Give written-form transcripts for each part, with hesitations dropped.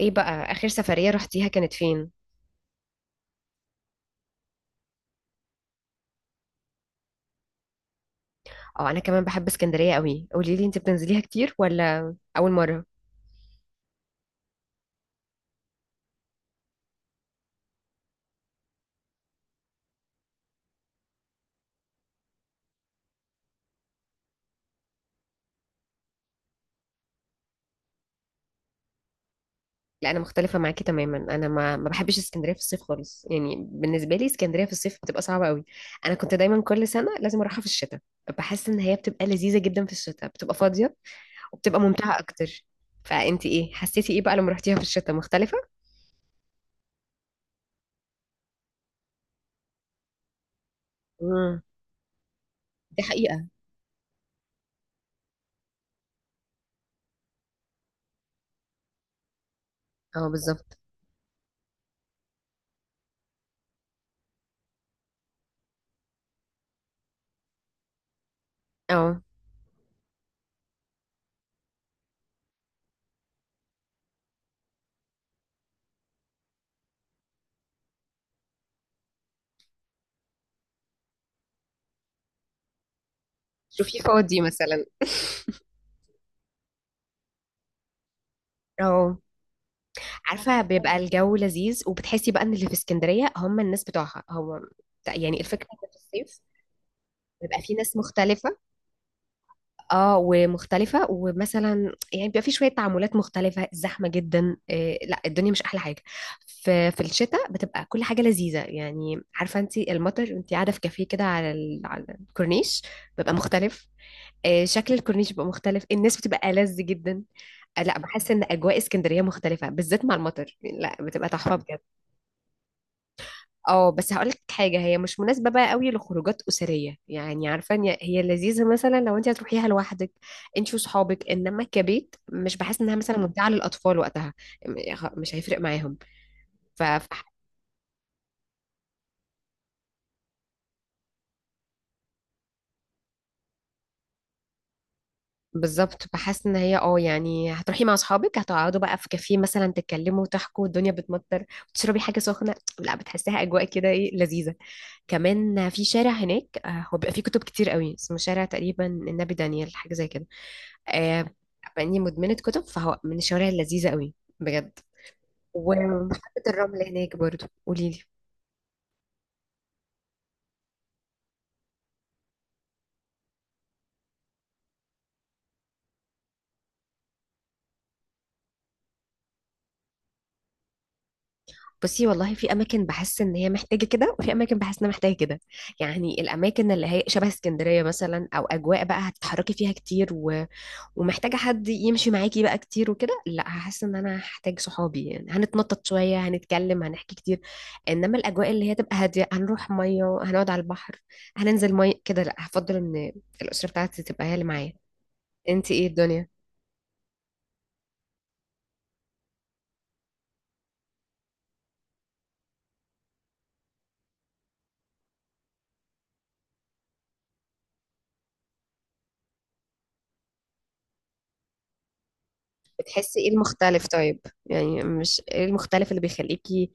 ايه بقى اخر سفرية رحتيها كانت فين؟ اه، انا كمان بحب اسكندرية قوي. قولي لي، انت بتنزليها كتير ولا اول مرة؟ لا، انا مختلفة معاكي تماما. انا ما بحبش اسكندرية في الصيف خالص، يعني بالنسبة لي اسكندرية في الصيف بتبقى صعبة قوي. انا كنت دايما كل سنة لازم اروحها في الشتاء. بحس ان هي بتبقى لذيذة جدا في الشتاء، بتبقى فاضية وبتبقى ممتعة اكتر. فانت ايه، حسيتي ايه بقى لما رحتيها في الشتاء؟ مختلفة؟ امم دي حقيقة. اه، بالظبط. اه، شوفي، فاضي مثلا. اه، عارفة بيبقى الجو لذيذ، وبتحسي بقى ان اللي في اسكندرية هم الناس بتوعها. هو يعني الفكرة ان في الصيف بيبقى في ناس مختلفة. اه، ومختلفة، ومثلا يعني بيبقى في شوية تعاملات مختلفة. زحمة جدا، إيه لا، الدنيا مش أحلى حاجة. في الشتاء بتبقى كل حاجة لذيذة، يعني عارفة انت، المطر، انت قاعدة في كافيه كده على الكورنيش، بيبقى مختلف. إيه، شكل الكورنيش بيبقى مختلف، الناس بتبقى ألذ جدا. آه، لا بحس ان اجواء اسكندريه مختلفه بالذات مع المطر، لا بتبقى تحفه بجد. اه، بس هقولك حاجة، هي مش مناسبة بقى قوي لخروجات أسرية. يعني عارفة إن هي لذيذة مثلا لو انت هتروحيها لوحدك، انت وصحابك، انما كبيت مش بحس انها مثلا ممتعة للأطفال وقتها. مش هيفرق معاهم. ف فح- بالظبط، بحس ان هي يعني هتروحي مع اصحابك، هتقعدوا بقى في كافيه مثلا تتكلموا وتحكوا، الدنيا بتمطر وتشربي حاجة سخنة. لا، بتحسيها أجواء كده، ايه، لذيذة. كمان في شارع هناك هو بيبقى فيه كتب كتير قوي، اسمه شارع تقريبا النبي دانيال، حاجة زي كده. آه باني مدمنه كتب، فهو من الشوارع اللذيذه قوي، بجد. وحبه الرمل هناك برضو. قولي لي، بصي والله في اماكن بحس ان هي محتاجه كده، وفي اماكن بحس انها محتاجه كده. يعني الاماكن اللي هي شبه اسكندريه مثلا، او اجواء بقى هتتحركي فيها كتير ومحتاجه حد يمشي معاكي بقى كتير وكده، لا هحس ان انا هحتاج صحابي، يعني هنتنطط شويه، هنتكلم، هنحكي كتير. انما الاجواء اللي هي تبقى هاديه، هنروح ميه، هنقعد على البحر، هننزل ميه كده، لا هفضل ان الاسره بتاعتي تبقى هي اللي معايا. انت ايه الدنيا؟ بتحسي ايه المختلف طيب؟ يعني مش ايه المختلف اللي بيخليكي؟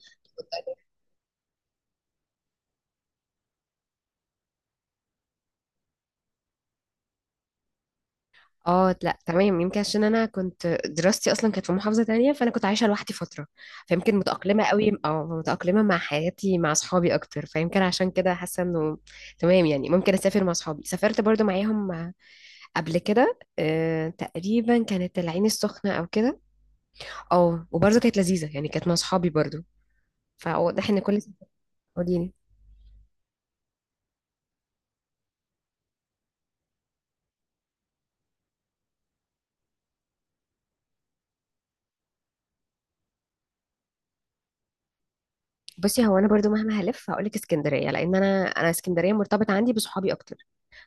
اه، لا تمام، يمكن عشان انا كنت دراستي اصلا كانت في محافظة تانية، فانا كنت عايشة لوحدي فترة، فيمكن متأقلمة قوي، متأقلمة مع حياتي مع اصحابي اكتر، فيمكن عشان كده حاسة انه تمام، يعني ممكن اسافر مع اصحابي. سافرت برضو معاهم قبل كده، تقريبا كانت العين السخنة او كده. اه، وبرضو كانت لذيذة، يعني كانت مع اصحابي برضو. فواضح ان كل... قوليلي. بصي، هو انا برضو مهما هلف هقولك اسكندريه، لان انا اسكندريه مرتبط عندي بصحابي اكتر،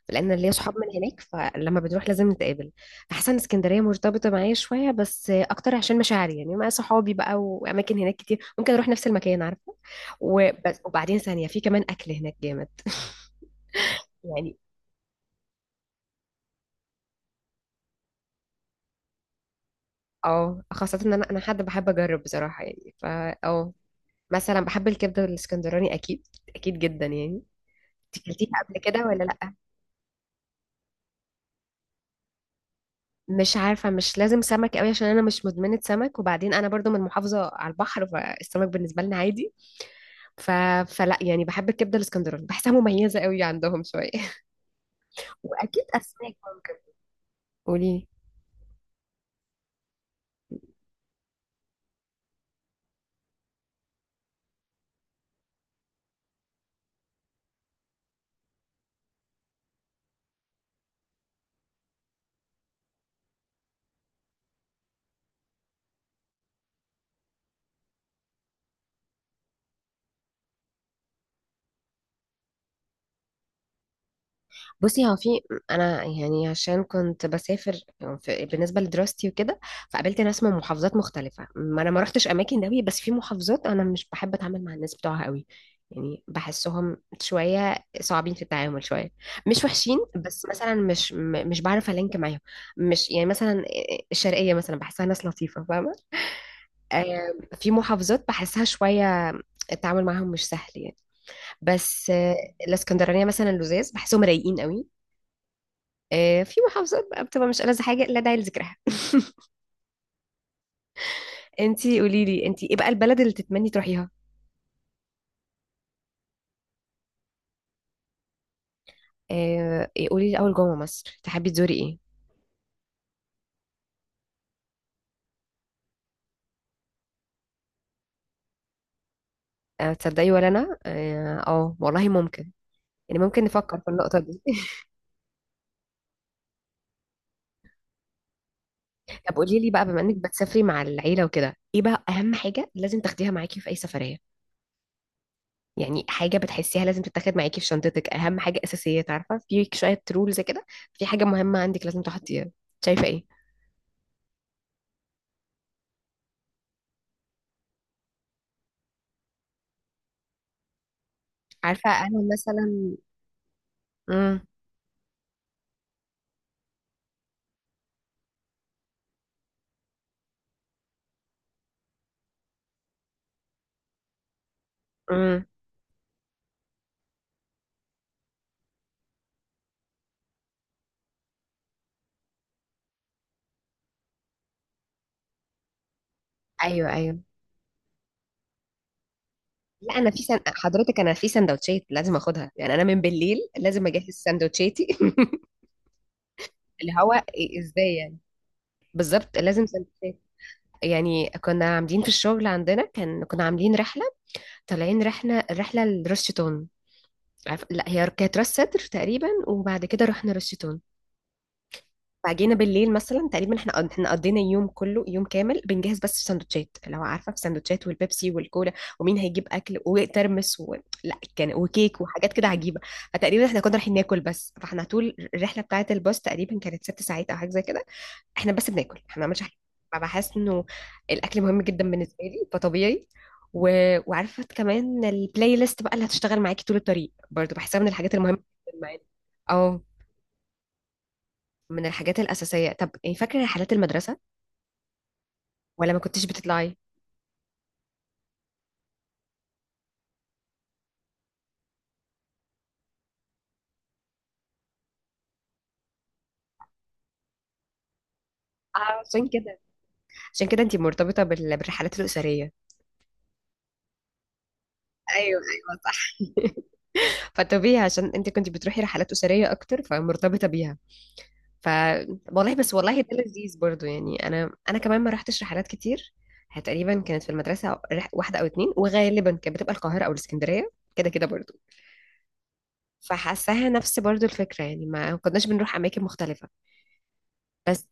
لان ليا صحاب من هناك، فلما بنروح لازم نتقابل. احسن اسكندريه مرتبطه معايا شويه، بس اكتر عشان مشاعري يعني مع صحابي بقى، واماكن هناك كتير ممكن اروح نفس المكان، عارفه. وبس، وبعدين ثانيه في كمان اكل هناك جامد. يعني. اه، خاصه ان انا حد بحب اجرب بصراحه، يعني فا اه مثلا بحب الكبده الاسكندراني، اكيد، اكيد جدا يعني. أنت اكلتيها قبل كده ولا لا؟ مش عارفة، مش لازم سمك قوي، عشان أنا مش مدمنة سمك، وبعدين أنا برضو من محافظة على البحر، فالسمك بالنسبة لنا عادي. ف... فلا يعني، بحب الكبدة الاسكندراني، بحسها مميزة قوي عندهم شوية. وأكيد أسماك ممكن. قولي. بصي، هو في... انا يعني، عشان كنت بسافر في بالنسبه لدراستي وكده، فقابلت ناس من محافظات مختلفه. ما انا ما رحتش اماكن قوي، بس في محافظات انا مش بحب اتعامل مع الناس بتوعها قوي، يعني بحسهم شويه صعبين في التعامل، شويه، مش وحشين، بس مثلا مش مش بعرف الينك معاهم، مش يعني مثلا، الشرقيه مثلا بحسها ناس لطيفه فاهمه. آه، في محافظات بحسها شويه التعامل معاهم مش سهل يعني. بس، الاسكندرانيه مثلا لزاز بحسهم رايقين قوي. في محافظات بقى بتبقى مش ألذ حاجة، لا داعي لذكرها. انتي قولي لي، انتي ايه بقى البلد اللي تتمني تروحيها؟ آه، إيه، قولي لي اول، جوه مصر تحبي تزوري ايه؟ تصدقي ولا انا والله ممكن، يعني ممكن نفكر في النقطة دي. طب قولي لي بقى، بما انك بتسافري مع العيلة وكده، ايه بقى اهم حاجة لازم تاخديها معاكي في اي سفرية؟ يعني حاجة بتحسيها لازم تتاخد معاكي في شنطتك، اهم حاجة اساسية، عارفة، في شوية رولز كده، في حاجة مهمة عندك لازم تحطيها. شايفة ايه؟ عارفة انا مثلا... امم، امم، ايوه، ايوه. لا، انا حضرتك انا في سندوتشات لازم اخدها، يعني انا من بالليل لازم اجهز سندوتشاتي. اللي هو ازاي يعني. بالظبط، لازم سندوتشات. يعني كنا عاملين في الشغل عندنا، كان كنا عاملين رحله، طالعين رحله رحله لراس شيطان. لا، هي كانت راس سدر تقريبا، وبعد كده رحنا راس شيطان. فجينا بالليل مثلا تقريبا، احنا قضينا يوم كله، يوم كامل بنجهز، بس في سندوتشات، لو عارفه، في سندوتشات والبيبسي والكولا، ومين هيجيب اكل وترمس لا كان وكيك وحاجات كده عجيبه. فتقريبا احنا كنا رايحين ناكل بس، فاحنا طول الرحله بتاعه الباص تقريبا كانت 6 ساعات او حاجه زي كده. احنا بس بناكل، احنا ما عملناش حاجه. فبحس انه الاكل مهم جدا بالنسبه لي، فطبيعي. و... وعارفه كمان البلاي ليست بقى اللي هتشتغل معاكي طول الطريق، برضو بحسها من الحاجات المهمه جدا معانا. اه، من الحاجات الأساسية. طب، يعني فاكرة رحلات المدرسة ولا ما كنتش بتطلعي؟ آه، عشان كده عشان كده انت مرتبطة بالرحلات الأسرية. ايوه، ايوه، صح. فطبيعي عشان انت كنت بتروحي رحلات أسرية أكتر، فمرتبطة بيها. ف والله، بس والله ده لذيذ برضو، يعني أنا كمان ما رحتش رحلات كتير. هي تقريبا كانت في المدرسة واحدة أو اتنين، وغالبا كانت بتبقى القاهرة أو الإسكندرية، كده كده برضو. فحاساها نفس برضو الفكرة، يعني ما كناش بنروح أماكن مختلفة. بس،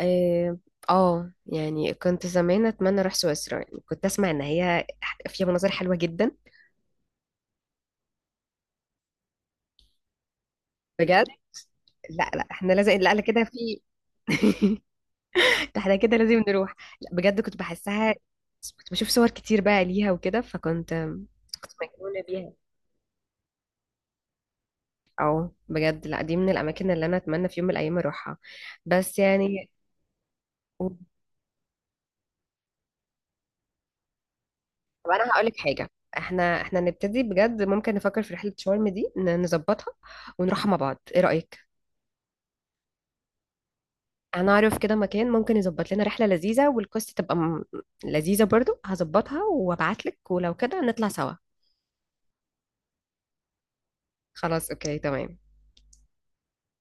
اه يعني كنت زمان اتمنى اروح سويسرا، يعني كنت اسمع ان هي فيها مناظر حلوة جدا، بجد. لا، لا، احنا لازم، لا، لا، كده في. احنا كده لازم نروح. لا بجد، كنت بحسها، كنت بشوف صور كتير بقى ليها وكده فكنت مجنونة بيها. او بجد، لا دي من الاماكن اللي انا اتمنى في يوم من الايام اروحها. بس يعني، طب انا هقول لك حاجة، احنا نبتدي بجد ممكن نفكر في رحلة شرم دي، نظبطها ونروحها مع بعض. ايه رأيك؟ انا اعرف كده مكان ممكن يظبط لنا رحله لذيذه، والكوست تبقى لذيذه برضو. هظبطها وابعت لك، ولو كده نطلع سوا. خلاص، اوكي، تمام.